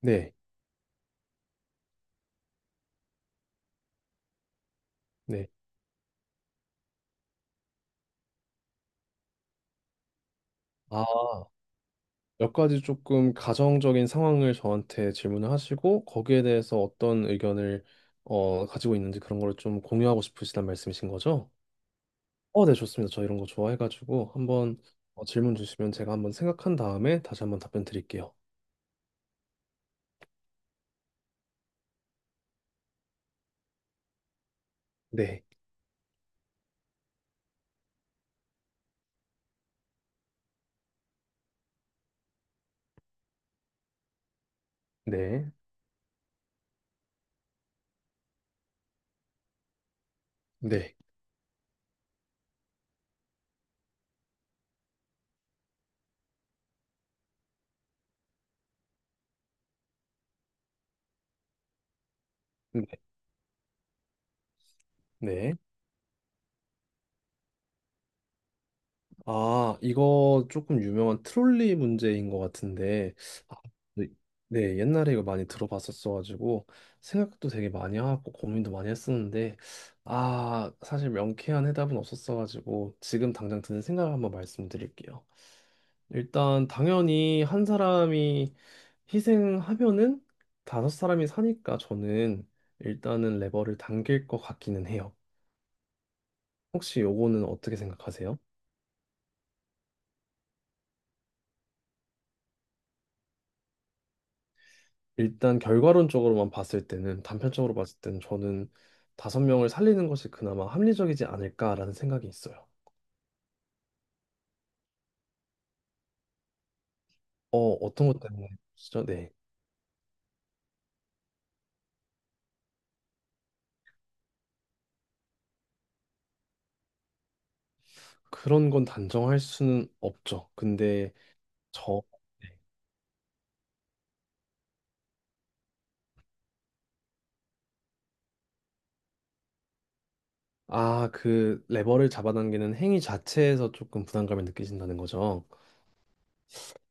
네, 네. 아, 몇 가지 조금 가정적인 상황을 저한테 질문을 하시고 거기에 대해서 어떤 의견을 가지고 있는지 그런 걸 좀 공유하고 싶으시단 말씀이신 거죠? 어, 네, 좋습니다. 저 이런 거 좋아해가지고 한번 질문 주시면 제가 한번 생각한 다음에 다시 한번 답변 드릴게요. 네, 네, 네, 네, 네. 아, 이거 조금 유명한 트롤리 문제인 것 같은데, 아, 네, 네, 옛날에 이거 많이 들어봤었어가지고, 생각도 되게 많이 하고, 고민도 많이 했었는데, 아, 사실 명쾌한 해답은 없었어가지고, 지금 당장 드는 생각을 한번 말씀드릴게요. 일단, 당연히 한 사람이 희생하면은 다섯 사람이 사니까 저는 일단은 레버를 당길 것 같기는 해요. 혹시 요거는 어떻게 생각하세요? 일단 결과론적으로만 봤을 때는 단편적으로 봤을 때는 저는 다섯 명을 살리는 것이 그나마 합리적이지 않을까라는 생각이 있어요. 어, 어떤 것 때문에 진짜 네. 그런 건 단정할 수는 없죠. 근데 저 네. 아, 그 레버를 잡아당기는 행위 자체에서 조금 부담감을 느끼신다는 거죠.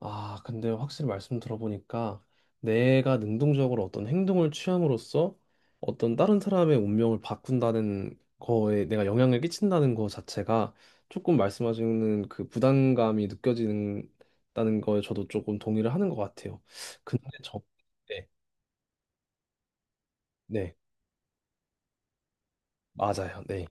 아, 근데 확실히 말씀 들어보니까 내가 능동적으로 어떤 행동을 취함으로써 어떤 다른 사람의 운명을 바꾼다는 거에 내가 영향을 끼친다는 거 자체가 조금 말씀하시는 그 부담감이 느껴지는다는 거에 저도 조금 동의를 하는 것 같아요. 근데 저, 네, 네, 맞아요. 네.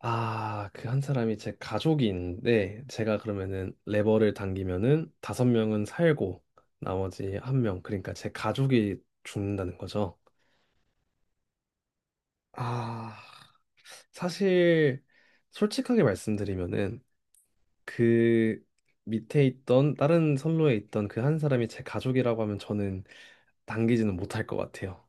아, 그 한 사람이 제 가족이 있는데 제가 그러면은 레버를 당기면은 다섯 명은 살고 나머지 한 명, 그러니까 제 가족이 죽는다는 거죠. 아, 사실 솔직하게 말씀드리면은 그 밑에 있던 다른 선로에 있던 그 한 사람이 제 가족이라고 하면 저는 당기지는 못할 것 같아요.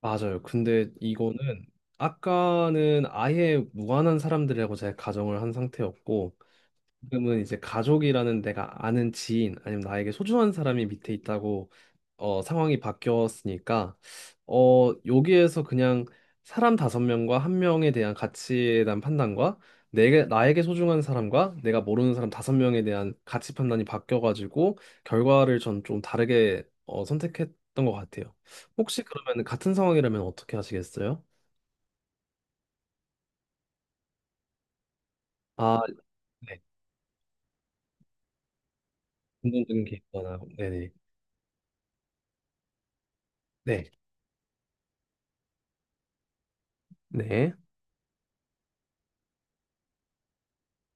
맞아요. 근데 이거는 아까는 아예 무관한 사람들이라고 제가 가정을 한 상태였고 지금은 이제 가족이라는 내가 아는 지인 아니면 나에게 소중한 사람이 밑에 있다고 상황이 바뀌었으니까 여기에서 그냥 사람 다섯 명과 한 명에 대한 가치에 대한 판단과 내게 나에게 소중한 사람과 내가 모르는 사람 다섯 명에 대한 가치 판단이 바뀌어가지고 결과를 전 좀 다르게 선택했던 것 같아요. 혹시 그러면 같은 상황이라면 어떻게 하시겠어요? 아, 네. 운동적인 게 있거나 네네. 네. 네.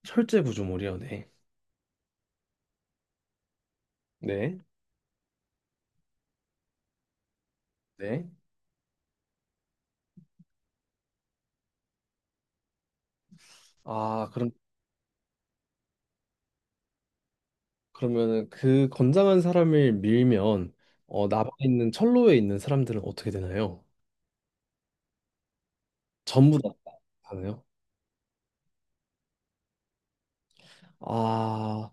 철제 구조물이요. 네. 네. 네. 아, 그럼 그러면은 그 건장한 사람을 밀면 남아 있는 철로에 있는 사람들은 어떻게 되나요? 전부 다 하나요? 아,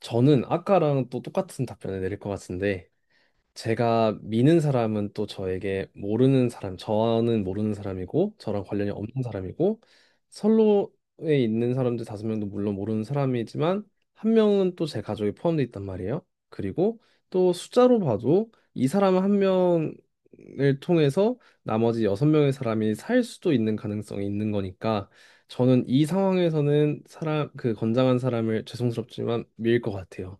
저는 아까랑 또 똑같은 답변을 내릴 것 같은데 제가 미는 사람은 또 저에게 모르는 사람, 저는 모르는 사람이고, 저랑 관련이 없는 사람이고, 선로에 있는 사람들 다섯 명도 물론 모르는 사람이지만, 한 명은 또 제 가족에 포함되어 있단 말이에요. 그리고 또 숫자로 봐도 이 사람 한 명을 통해서 나머지 여섯 명의 사람이 살 수도 있는 가능성이 있는 거니까, 저는 이 상황에서는 사람, 그 건장한 사람을 죄송스럽지만 밀 것 같아요.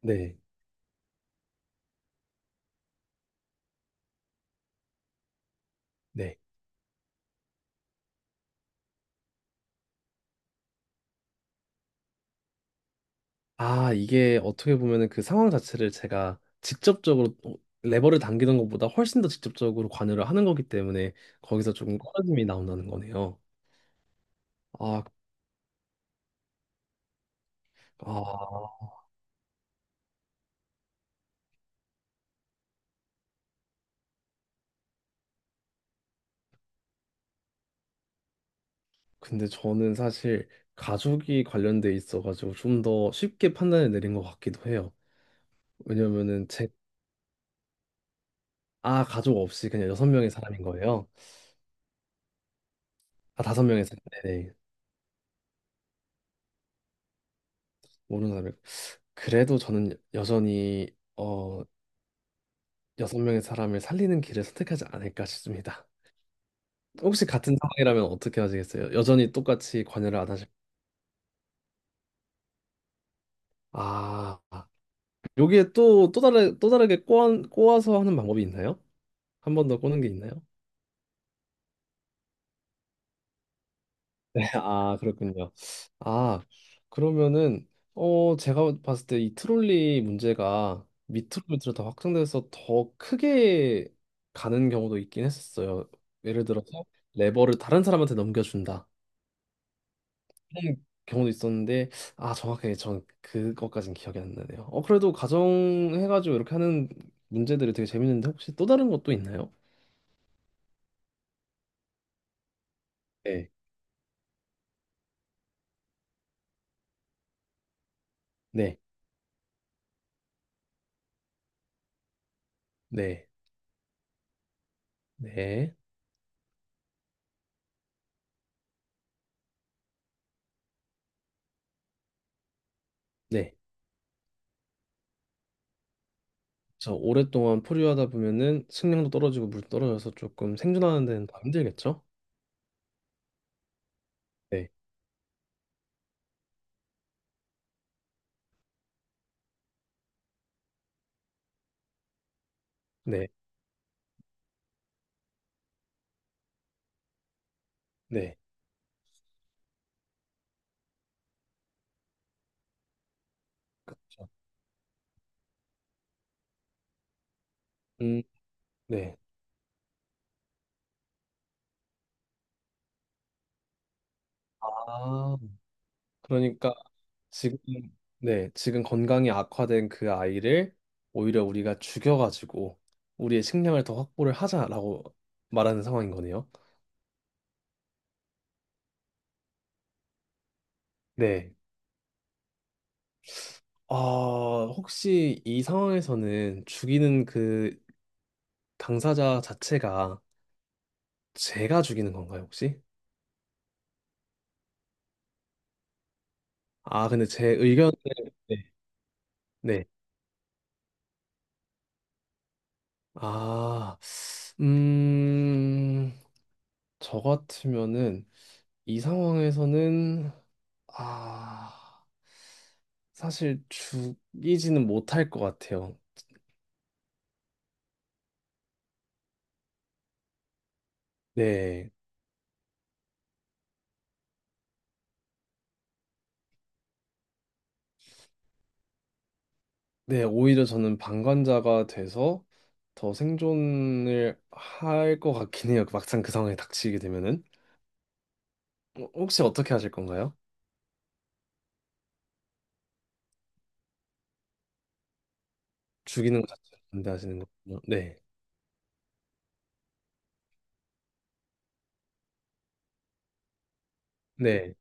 네, 네. 아, 이게 어떻게 보면은 그 상황 자체를 제가 직접적으로 레버를 당기는 것보다 훨씬 더 직접적으로 관여를 하는 거기 때문에 거기서 조금 꺼짐이 나온다는 거네요. 아, 아, 근데 저는 사실 가족이 관련돼 있어가지고 좀 더 쉽게 판단을 내린 것 같기도 해요. 왜냐면은 제, 아, 가족 없이 그냥 여섯 명의 사람인 거예요. 아, 다섯 명의 사람, 네네. 모르는 사람이. 그래도 저는 여전히, 어, 여섯 명의 사람을 살리는 길을 선택하지 않을까 싶습니다. 혹시 같은 상황이라면 어떻게 하시겠어요? 여전히 똑같이 관여를 안 하실? 아, 여기에 또, 또 다르게 꼬아서 하는 방법이 있나요? 한 번 더 꼬는 게 있나요? 네, 아, 그렇군요. 아, 그러면은, 어, 제가 봤을 때 이 트롤리 문제가 밑으로 밑으로 더 확장돼서 더 크게 가는 경우도 있긴 했었어요. 예를 들어서 레버를 다른 사람한테 넘겨준다. 그런 경우도 있었는데 아 정확하게 전 그것까진 기억이 안 나네요. 어 그래도 가정 해가지고 이렇게 하는 문제들이 되게 재밌는데 혹시 또 다른 것도 있나요? 네, 네, 네, 네, 네. 저 오랫동안 포류하다 보면은 식량도 떨어지고 물도 떨어져서 조금 생존하는 데는 더 힘들겠죠? 네, 네, 네. 그렇죠. 음, 네. 아, 그러니까 지금 네, 지금 건강이 악화된 그 아이를 오히려 우리가 죽여가지고 우리의 식량을 더 확보를 하자라고 말하는 상황인 거네요. 네. 아, 혹시 이 상황에서는 죽이는 그 당사자 자체가 제가 죽이는 건가요, 혹시? 아, 근데 제 의견 네. 네. 아, 음, 저 같으면은 이 상황에서는 아, 사실 죽이지는 못할 것 같아요. 네. 네, 오히려 저는 방관자가 돼서 더 생존을 할 것 같긴 해요. 막상 그 상황에 닥치게 되면은. 어, 혹시 어떻게 하실 건가요? 죽이는 것 자체를 반대하시는 거군요. 네. 네.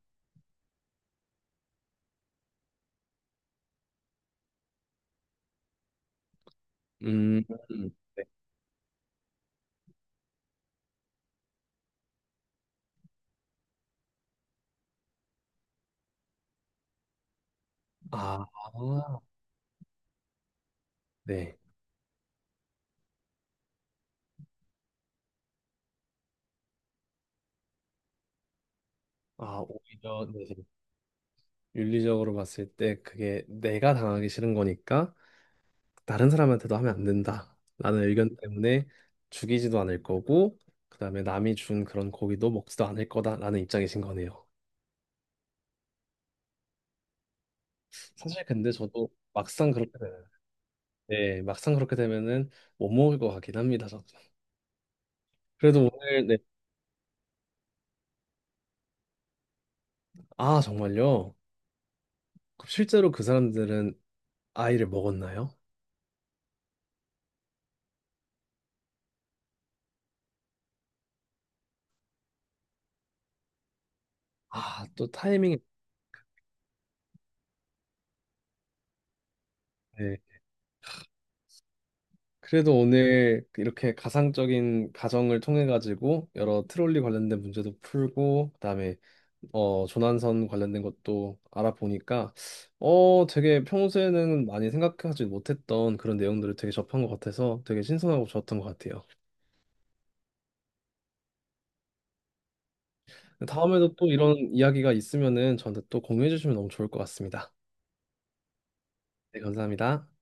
음. 음, 네. 아, 네. 아, 오히려 네. 윤리적으로 봤을 때 그게 내가 당하기 싫은 거니까 다른 사람한테도 하면 안 된다라는 의견 때문에 죽이지도 않을 거고 그다음에 남이 준 그런 고기도 먹지도 않을 거다라는 입장이신 거네요. 사실 근데 저도 막상 그렇게 되면 네, 막상 그렇게 되면은 못 먹을 것 같긴 합니다. 저도. 그래도 오늘 네. 아, 정말요? 그럼 실제로 그 사람들은 아이를 먹었나요? 아, 또 타이밍이 네. 그래도 오늘 이렇게 가상적인 가정을 통해 가지고 여러 트롤리 관련된 문제도 풀고 그다음에 조난선 관련된 것도 알아보니까, 어, 되게 평소에는 많이 생각하지 못했던 그런 내용들을 되게 접한 것 같아서 되게 신선하고 좋았던 것 같아요. 다음에도 또 이런 이야기가 있으면은 저한테 또 공유해 주시면 너무 좋을 것 같습니다. 네, 감사합니다.